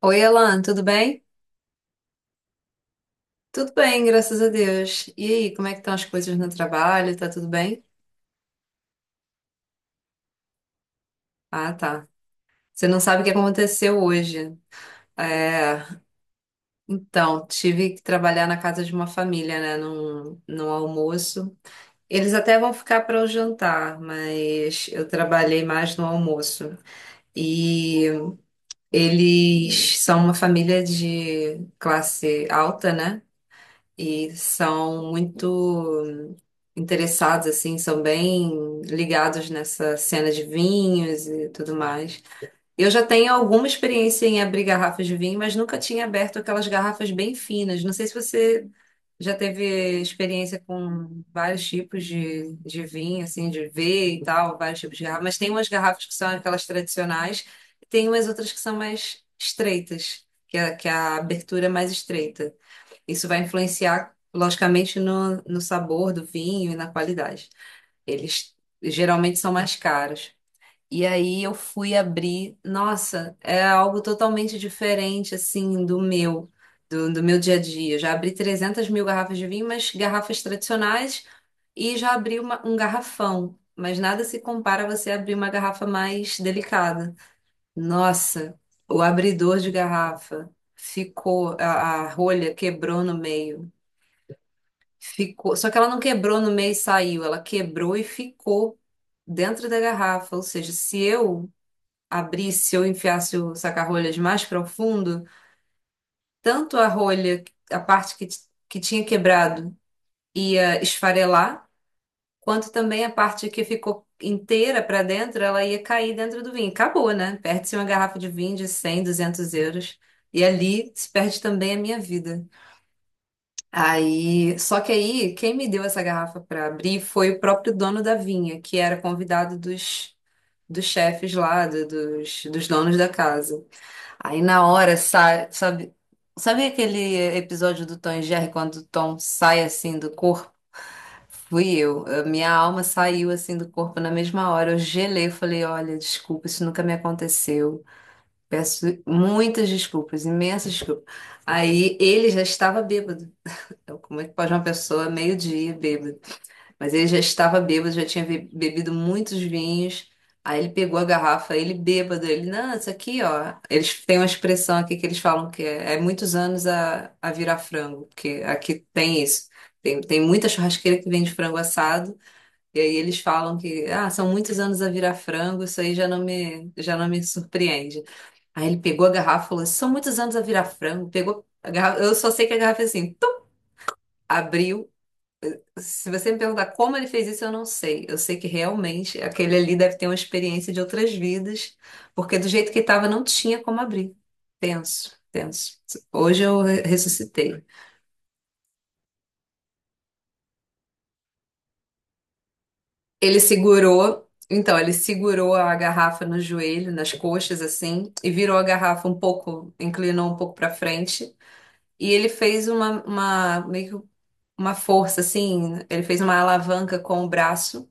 Oi, Alan, tudo bem? Tudo bem, graças a Deus. E aí, como é que estão as coisas no trabalho? Tá tudo bem? Ah, tá. Você não sabe o que aconteceu hoje. É, então, tive que trabalhar na casa de uma família, né, num almoço. Eles até vão ficar para o jantar, mas eu trabalhei mais no almoço. E eles são uma família de classe alta, né? E são muito interessados, assim, são bem ligados nessa cena de vinhos e tudo mais. Eu já tenho alguma experiência em abrir garrafas de vinho, mas nunca tinha aberto aquelas garrafas bem finas. Não sei se você já teve experiência com vários tipos de vinho, assim, de ver e tal, vários tipos de garrafas, mas tem umas garrafas que são aquelas tradicionais e tem umas outras que são mais estreitas, que é a abertura é mais estreita. Isso vai influenciar, logicamente, no sabor do vinho e na qualidade. Eles geralmente são mais caros. E aí eu fui abrir, nossa, é algo totalmente diferente, assim, do meu dia a dia. Já abri 300 mil garrafas de vinho, mas garrafas tradicionais, e já abri um garrafão. Mas nada se compara a você abrir uma garrafa mais delicada. Nossa, o abridor de garrafa ficou, a rolha quebrou no meio. Ficou, só que ela não quebrou no meio e saiu, ela quebrou e ficou dentro da garrafa. Ou seja, se eu abrisse, se eu enfiasse o saca-rolhas mais profundo, tanto a rolha, a parte que tinha quebrado, ia esfarelar, quanto também a parte que ficou inteira para dentro, ela ia cair dentro do vinho. Acabou, né? Perde-se uma garrafa de vinho de 100, 200 euros. E ali se perde também a minha vida. Aí, só que aí, quem me deu essa garrafa para abrir foi o próprio dono da vinha, que era convidado dos, dos chefes lá, dos donos da casa. Aí, na hora, sai, sabe, sabe aquele episódio do Tom e Jerry, quando o Tom sai assim do corpo? Fui eu. A minha alma saiu assim do corpo na mesma hora. Eu gelei, eu falei: olha, desculpa, isso nunca me aconteceu. Peço muitas desculpas, imensas desculpas. Aí ele já estava bêbado. Então, como é que pode uma pessoa meio-dia bêbada? Mas ele já estava bêbado, já tinha bebido muitos vinhos. Aí ele pegou a garrafa, ele bêbado, ele, não, isso aqui, ó. Eles têm uma expressão aqui que eles falam que é muitos anos a virar frango, porque aqui tem isso. Tem muita churrasqueira que vende frango assado, e aí eles falam que, ah, são muitos anos a virar frango, isso aí já não me surpreende. Aí ele pegou a garrafa e falou, são muitos anos a virar frango, pegou a garrafa, eu só sei que a garrafa é assim, tum, abriu, se você me perguntar como ele fez isso, eu não sei. Eu sei que realmente aquele ali deve ter uma experiência de outras vidas, porque do jeito que estava não tinha como abrir. Tenso, tenso. Hoje eu ressuscitei. Ele segurou, então, ele segurou a garrafa no joelho, nas coxas, assim, e virou a garrafa um pouco, inclinou um pouco para frente, e ele fez meio que uma força, assim, ele fez uma alavanca com o braço.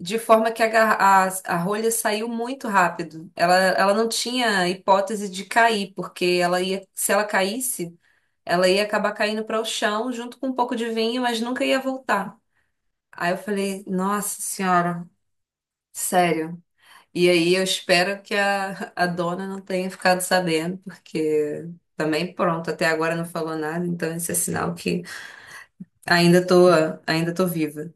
De forma que a rolha saiu muito rápido. Ela não tinha hipótese de cair, porque ela ia, se ela caísse, ela ia acabar caindo para o chão junto com um pouco de vinho, mas nunca ia voltar. Aí eu falei, nossa senhora, sério. E aí eu espero que a dona não tenha ficado sabendo, porque também pronto, até agora não falou nada, então esse é sinal que ainda tô, ainda tô viva.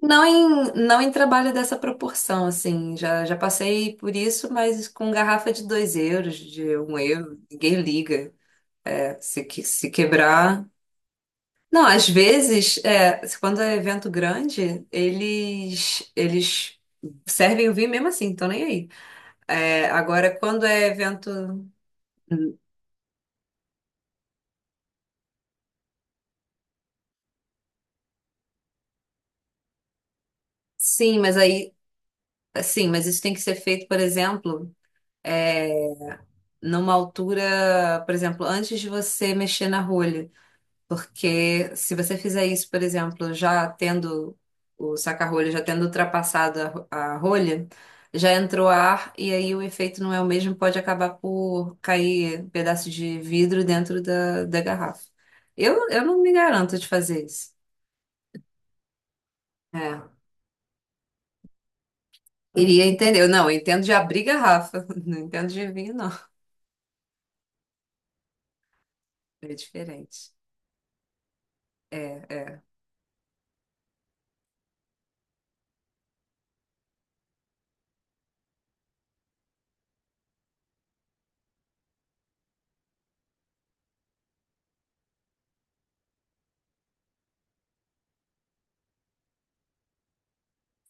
Não em trabalho dessa proporção, assim. Já passei por isso, mas com garrafa de 2 euros, de 1 euro, ninguém liga. Se quebrar. Não, às vezes, é, quando é evento grande, eles servem o vinho mesmo assim, então nem aí. É, agora, quando é evento. Sim, mas aí. Sim, mas isso tem que ser feito, por exemplo, é, numa altura, por exemplo, antes de você mexer na rolha. Porque se você fizer isso, por exemplo, já tendo o saca-rolho, já tendo ultrapassado a rolha, já entrou ar e aí o efeito não é o mesmo, pode acabar por cair pedaço de vidro dentro da garrafa. Eu não me garanto de fazer isso. É. Iria entender. Eu Não, eu entendo de abrir garrafa. Não entendo de vinho, não. É diferente. É, é.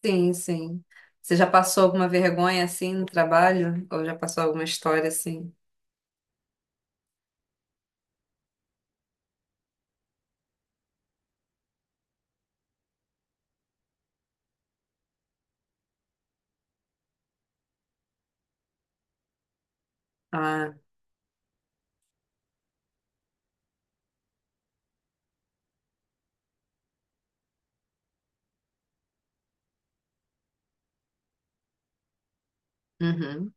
Sim, sim. Você já passou alguma vergonha assim no trabalho? Ou já passou alguma história assim? Ah. Uhum.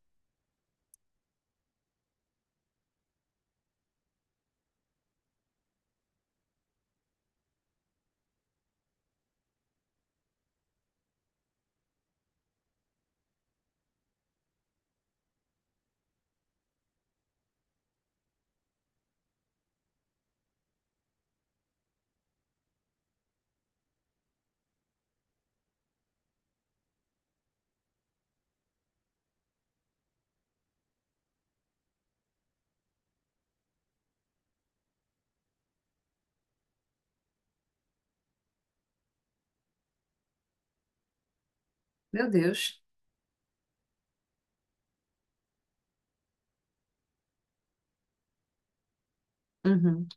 Meu Deus. Uhum.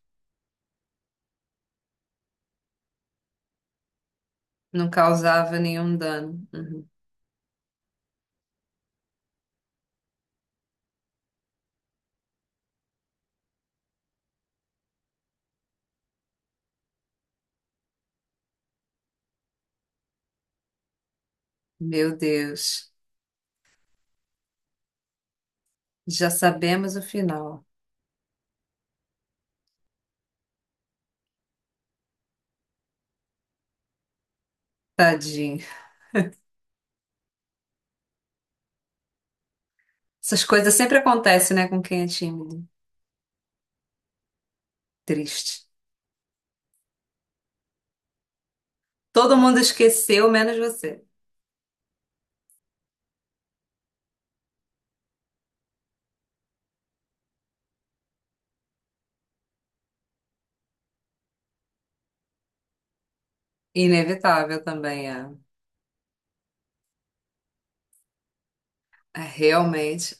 Não causava nenhum dano. Uhum. Meu Deus. Já sabemos o final. Tadinho. Essas coisas sempre acontecem, né, com quem é tímido. Triste. Todo mundo esqueceu, menos você. Inevitável também, é. É realmente.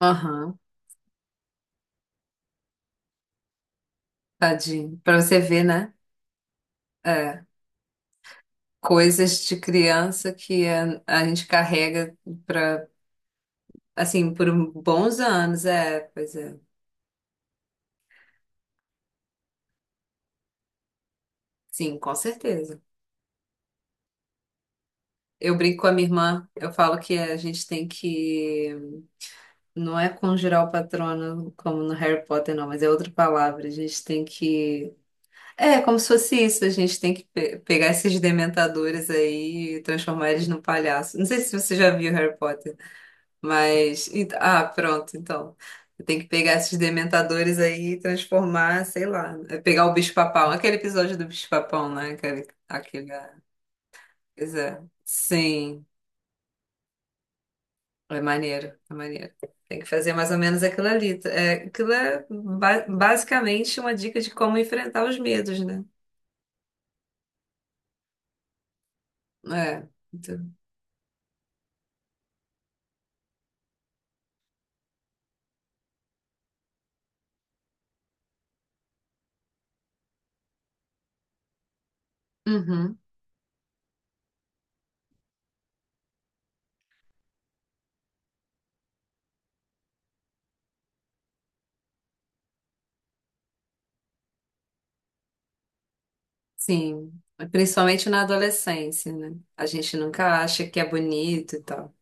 Aham. Tadinho. Pra você ver, né? É. Coisas de criança que a gente carrega pra, assim, por bons anos. É, pois é. Sim, com certeza. Eu brinco com a minha irmã, eu falo que a gente tem que. Não é conjurar o patrono como no Harry Potter, não, mas é outra palavra. A gente tem que. É, como se fosse isso, a gente tem que pegar esses dementadores aí e transformar eles num palhaço. Não sei se você já viu Harry Potter, Ah, pronto, então. Tem que pegar esses dementadores aí e transformar, sei lá. Pegar o bicho-papão. Aquele episódio do bicho-papão, né? Aquele. Pois é. Sim. É maneiro, é maneiro. Tem que fazer mais ou menos aquilo ali. É, aquilo é basicamente uma dica de como enfrentar os medos, né? É. Então, uhum, sim. Principalmente na adolescência, né? A gente nunca acha que é bonito e tal. O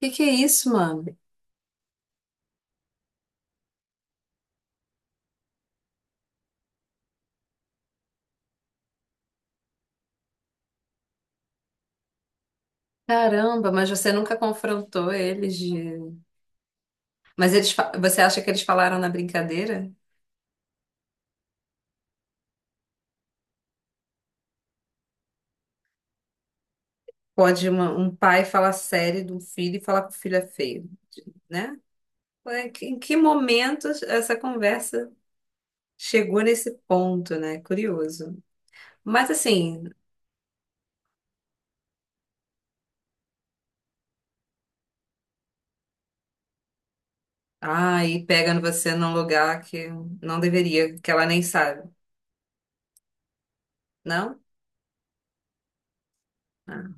que que é isso, mano? Caramba, mas você nunca confrontou eles de... Mas você acha que eles falaram na brincadeira? Pode um pai falar sério de um filho e falar que o filho é feio, né? Em que momento essa conversa chegou nesse ponto, né? Curioso. Mas assim, ai, pega você num lugar que não deveria, que ela nem sabe, não? Ah.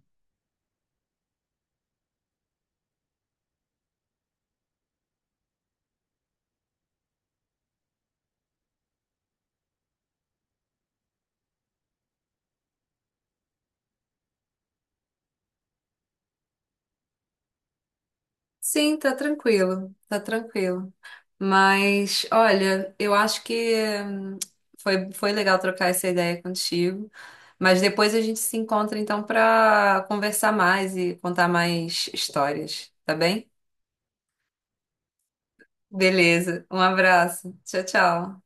Sim, tá tranquilo, tá tranquilo. Mas, olha, eu acho que hum, foi legal trocar essa ideia contigo. Mas depois a gente se encontra então pra conversar mais e contar mais histórias, tá bem? Beleza, um abraço. Tchau, tchau.